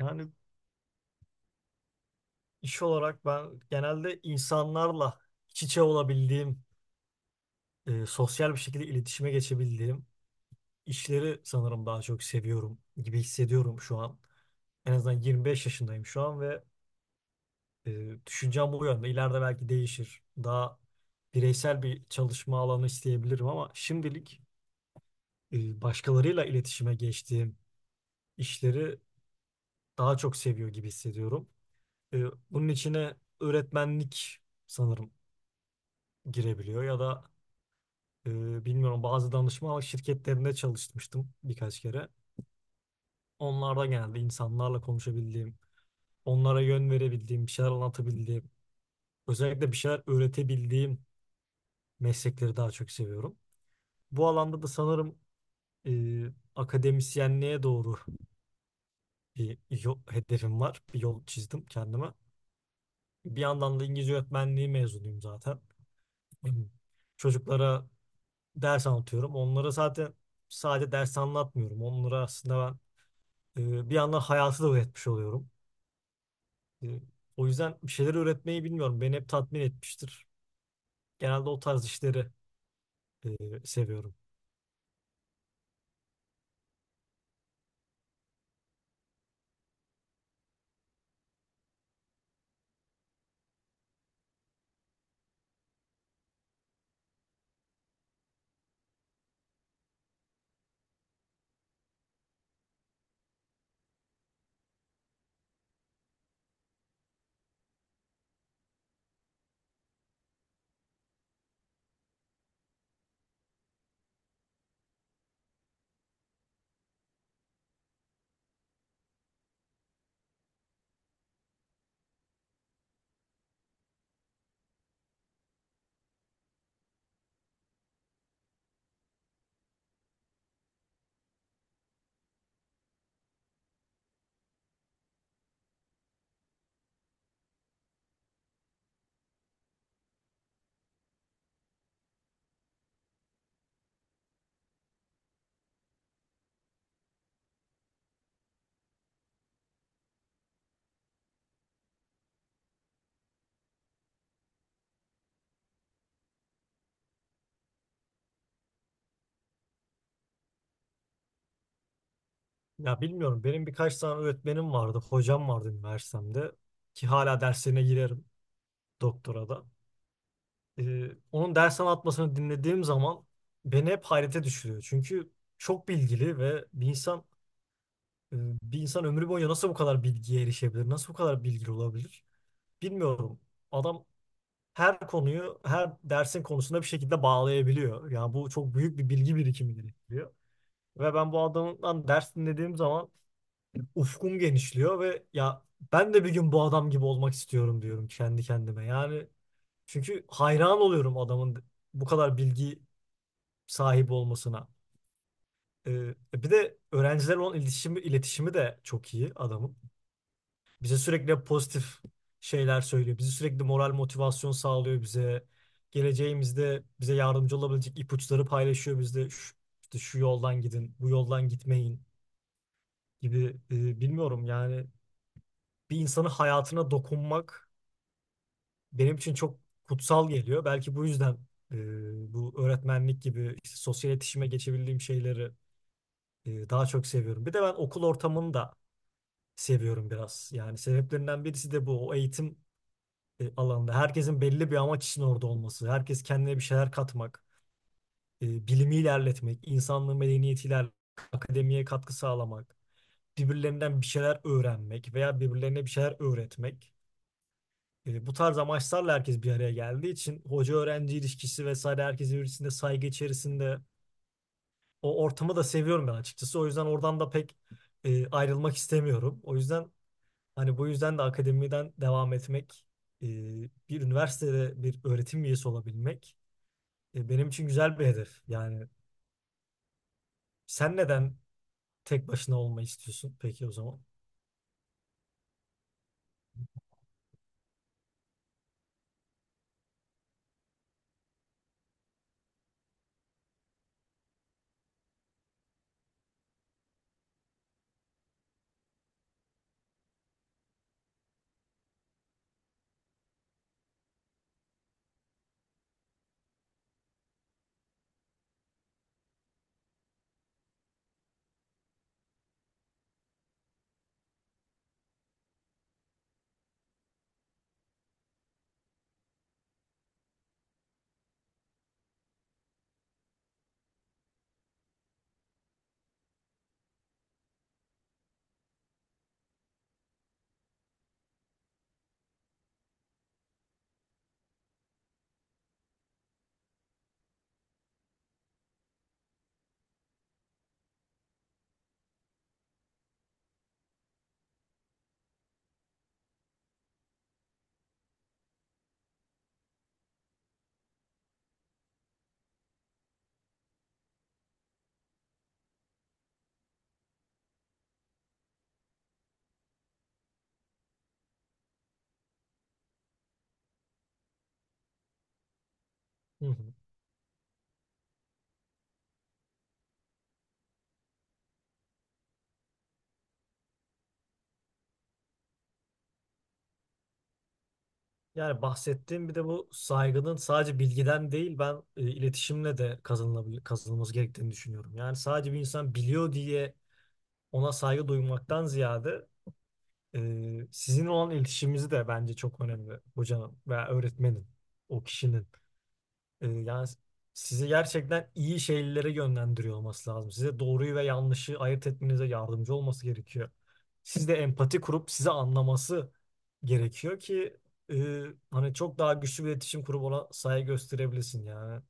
Yani iş olarak ben genelde insanlarla iç içe olabildiğim, sosyal bir şekilde iletişime geçebildiğim işleri sanırım daha çok seviyorum gibi hissediyorum şu an. En azından 25 yaşındayım şu an ve düşüncem bu yönde. İleride belki değişir. Daha bireysel bir çalışma alanı isteyebilirim ama şimdilik başkalarıyla iletişime geçtiğim işleri daha çok seviyor gibi hissediyorum. E, Bunun içine öğretmenlik sanırım girebiliyor ya da bilmiyorum, bazı danışma şirketlerinde çalışmıştım birkaç kere. Onlarda geldi, insanlarla konuşabildiğim, onlara yön verebildiğim, bir şeyler anlatabildiğim, özellikle bir şeyler öğretebildiğim meslekleri daha çok seviyorum. Bu alanda da sanırım e, akademisyenliğe doğru bir yol, hedefim var. Bir yol çizdim kendime. Bir yandan da İngilizce öğretmenliği mezunuyum zaten. Çocuklara ders anlatıyorum. Onlara zaten sadece ders anlatmıyorum. Onlara aslında bir yandan hayatı da üretmiş oluyorum. Ee, O yüzden bir şeyleri üretmeyi bilmiyorum. Beni hep tatmin etmiştir. Genelde o tarz işleri e, seviyorum. Ya bilmiyorum. Benim birkaç tane öğretmenim vardı. Hocam vardı üniversitemde. Ki hala derslerine girerim, doktora da. Onun ders anlatmasını dinlediğim zaman beni hep hayrete düşürüyor. Çünkü çok bilgili ve e, bir insan ömrü boyunca nasıl bu kadar bilgiye erişebilir? Nasıl bu kadar bilgili olabilir? Bilmiyorum. Adam her konuyu, her dersin konusunda bir şekilde bağlayabiliyor. Yani bu çok büyük bir bilgi birikimi gerektiriyor. Ve ben bu adamdan ders dinlediğim zaman ufkum genişliyor ve ya ben de bir gün bu adam gibi olmak istiyorum diyorum kendi kendime. Yani çünkü hayran oluyorum adamın bu kadar bilgi sahibi olmasına. Bir de öğrencilerle olan iletişimi de çok iyi adamın. Bize sürekli pozitif şeyler söylüyor. Bizi sürekli moral, motivasyon sağlıyor bize. Geleceğimizde bize yardımcı olabilecek ipuçları paylaşıyor bizde. Şu, işte şu yoldan gidin, bu yoldan gitmeyin gibi. Bilmiyorum, yani bir insanın hayatına dokunmak benim için çok kutsal geliyor. Belki bu yüzden bu öğretmenlik gibi işte sosyal iletişime geçebildiğim şeyleri daha çok seviyorum. Bir de ben okul ortamını da seviyorum biraz. Yani sebeplerinden birisi de bu. O eğitim alanda. Herkesin belli bir amaç için orada olması, herkes kendine bir şeyler katmak, bilimi ilerletmek, insanlığı, medeniyeti ilerletmek, akademiye katkı sağlamak, birbirlerinden bir şeyler öğrenmek veya birbirlerine bir şeyler öğretmek. Bu tarz amaçlarla herkes bir araya geldiği için, hoca öğrenci ilişkisi vesaire, herkes birbirine saygı içerisinde, o ortamı da seviyorum ben açıkçası. O yüzden oradan da pek ayrılmak istemiyorum. O yüzden, hani bu yüzden de akademiden devam etmek, e, bir üniversitede bir öğretim üyesi olabilmek benim için güzel bir hedef. Yani sen neden tek başına olmayı istiyorsun peki o zaman? Hı hı. Yani bahsettiğim, bir de bu saygının sadece bilgiden değil, ben iletişimle de kazanılması gerektiğini düşünüyorum. Yani sadece bir insan biliyor diye ona saygı duymaktan ziyade sizin olan iletişimimizi de bence çok önemli, hocanın veya öğretmenin, o kişinin. Yani sizi gerçekten iyi şeylere yönlendiriyor olması lazım. Size doğruyu ve yanlışı ayırt etmenize yardımcı olması gerekiyor. Siz de empati kurup sizi anlaması gerekiyor ki e, hani çok daha güçlü bir iletişim kurup ona saygı gösterebilirsin yani.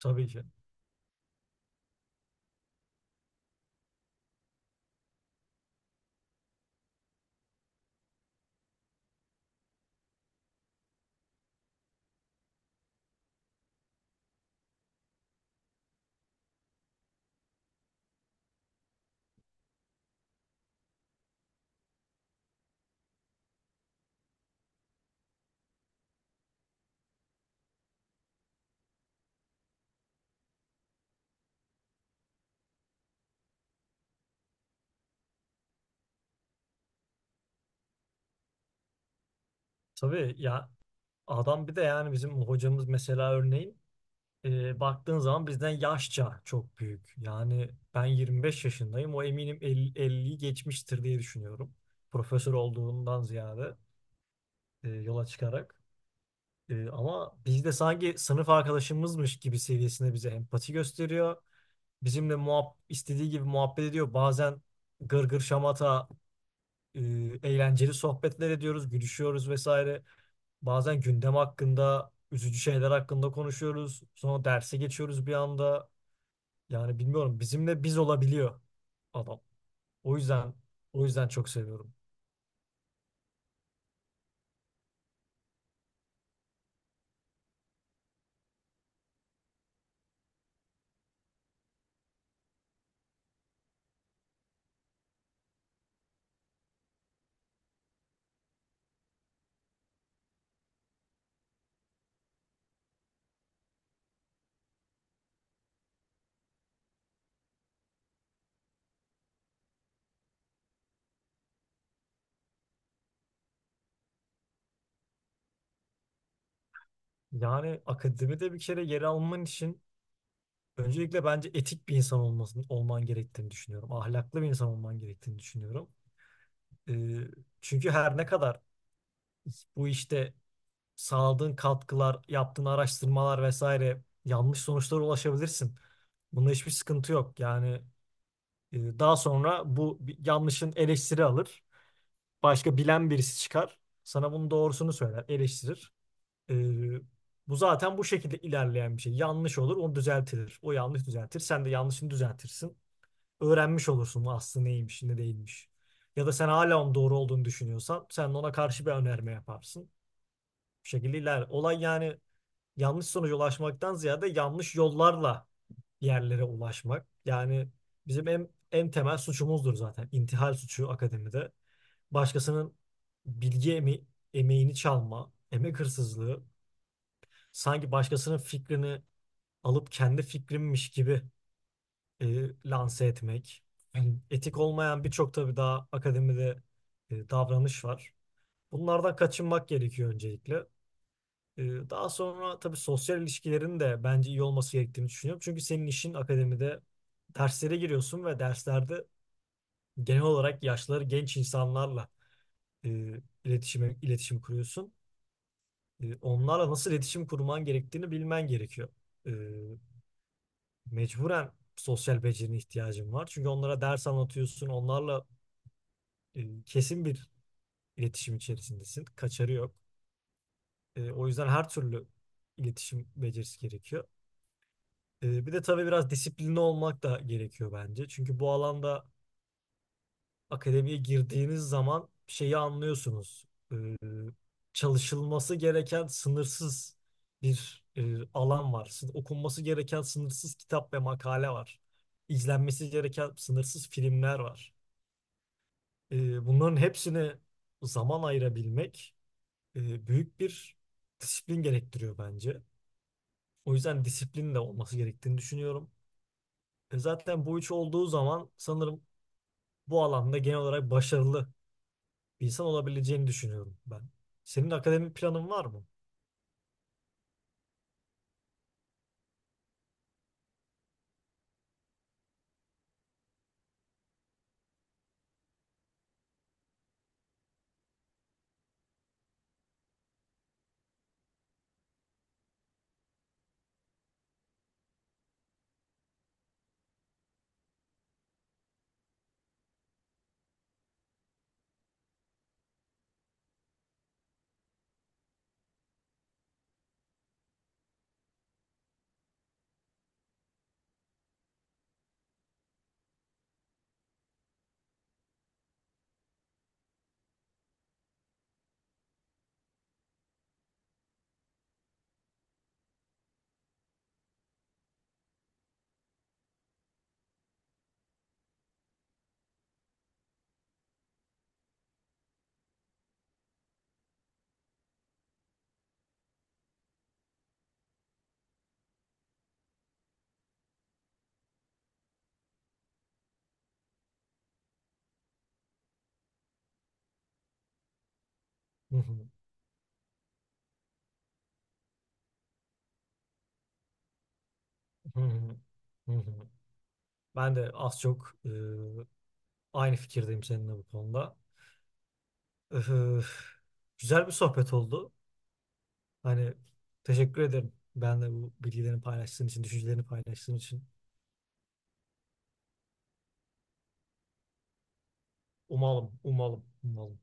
Tabii ki. Tabii ya, adam bir de yani bizim hocamız mesela, örneğin baktığın zaman bizden yaşça çok büyük. Yani ben 25 yaşındayım. O eminim 50, 50'yi geçmiştir diye düşünüyorum. Profesör olduğundan ziyade. Yola çıkarak. Ama biz de sanki sınıf arkadaşımızmış gibi seviyesinde bize empati gösteriyor. Bizimle istediği gibi muhabbet ediyor. Bazen gırgır şamata, e, eğlenceli sohbetler ediyoruz, gülüşüyoruz vesaire. Bazen gündem hakkında, üzücü şeyler hakkında konuşuyoruz. Sonra derse geçiyoruz bir anda. Yani bilmiyorum, bizimle biz olabiliyor adam. O yüzden o yüzden çok seviyorum. Yani akademide bir kere yer alman için öncelikle bence etik bir insan olman gerektiğini düşünüyorum. Ahlaklı bir insan olman gerektiğini düşünüyorum. Ee, Çünkü her ne kadar bu işte sağladığın katkılar, yaptığın araştırmalar vesaire, yanlış sonuçlara ulaşabilirsin. Bunda hiçbir sıkıntı yok. Yani daha sonra bu yanlışın eleştiri alır. Başka bilen birisi çıkar. Sana bunun doğrusunu söyler, eleştirir. Ee, Bu zaten bu şekilde ilerleyen bir şey. Yanlış olur, onu düzeltilir. O yanlış düzeltir, sen de yanlışını düzeltirsin. Öğrenmiş olursun aslı neymiş, ne değilmiş. Ya da sen hala onun doğru olduğunu düşünüyorsan, sen de ona karşı bir önerme yaparsın. Bu şekilde iler. Olay yani yanlış sonuca ulaşmaktan ziyade yanlış yollarla bir yerlere ulaşmak. Yani bizim en temel suçumuzdur zaten. İntihal suçu akademide. Başkasının bilgi emeğini çalma, emek hırsızlığı, sanki başkasının fikrini alıp kendi fikrimmiş gibi e, lanse etmek. Yani etik olmayan birçok, tabii daha, akademide davranış var. Bunlardan kaçınmak gerekiyor öncelikle. E, Daha sonra tabii sosyal ilişkilerin de bence iyi olması gerektiğini düşünüyorum. Çünkü senin işin akademide, derslere giriyorsun ve derslerde genel olarak yaşları genç insanlarla e, iletişim kuruyorsun. Onlarla nasıl iletişim kurman gerektiğini bilmen gerekiyor. E, Mecburen sosyal becerine ihtiyacın var. Çünkü onlara ders anlatıyorsun, onlarla kesin bir iletişim içerisindesin. Kaçarı yok. O yüzden her türlü iletişim becerisi gerekiyor. Bir de tabii biraz disiplinli olmak da gerekiyor bence. Çünkü bu alanda akademiye girdiğiniz zaman şeyi anlıyorsunuz. E, Çalışılması gereken sınırsız bir alan var. Okunması gereken sınırsız kitap ve makale var. İzlenmesi gereken sınırsız filmler var. Bunların hepsini zaman ayırabilmek büyük bir disiplin gerektiriyor bence. O yüzden disiplin de olması gerektiğini düşünüyorum. Zaten bu üç olduğu zaman sanırım bu alanda genel olarak başarılı bir insan olabileceğini düşünüyorum ben. Senin akademik planın var mı? Hı hı, hı hı, hı hı. Ben de az çok aynı fikirdeyim seninle bu konuda. Öf, güzel bir sohbet oldu. Hani teşekkür ederim. Ben de bu bilgilerini paylaştığın için, düşüncelerini paylaştığın için. Umalım, umalım, umalım.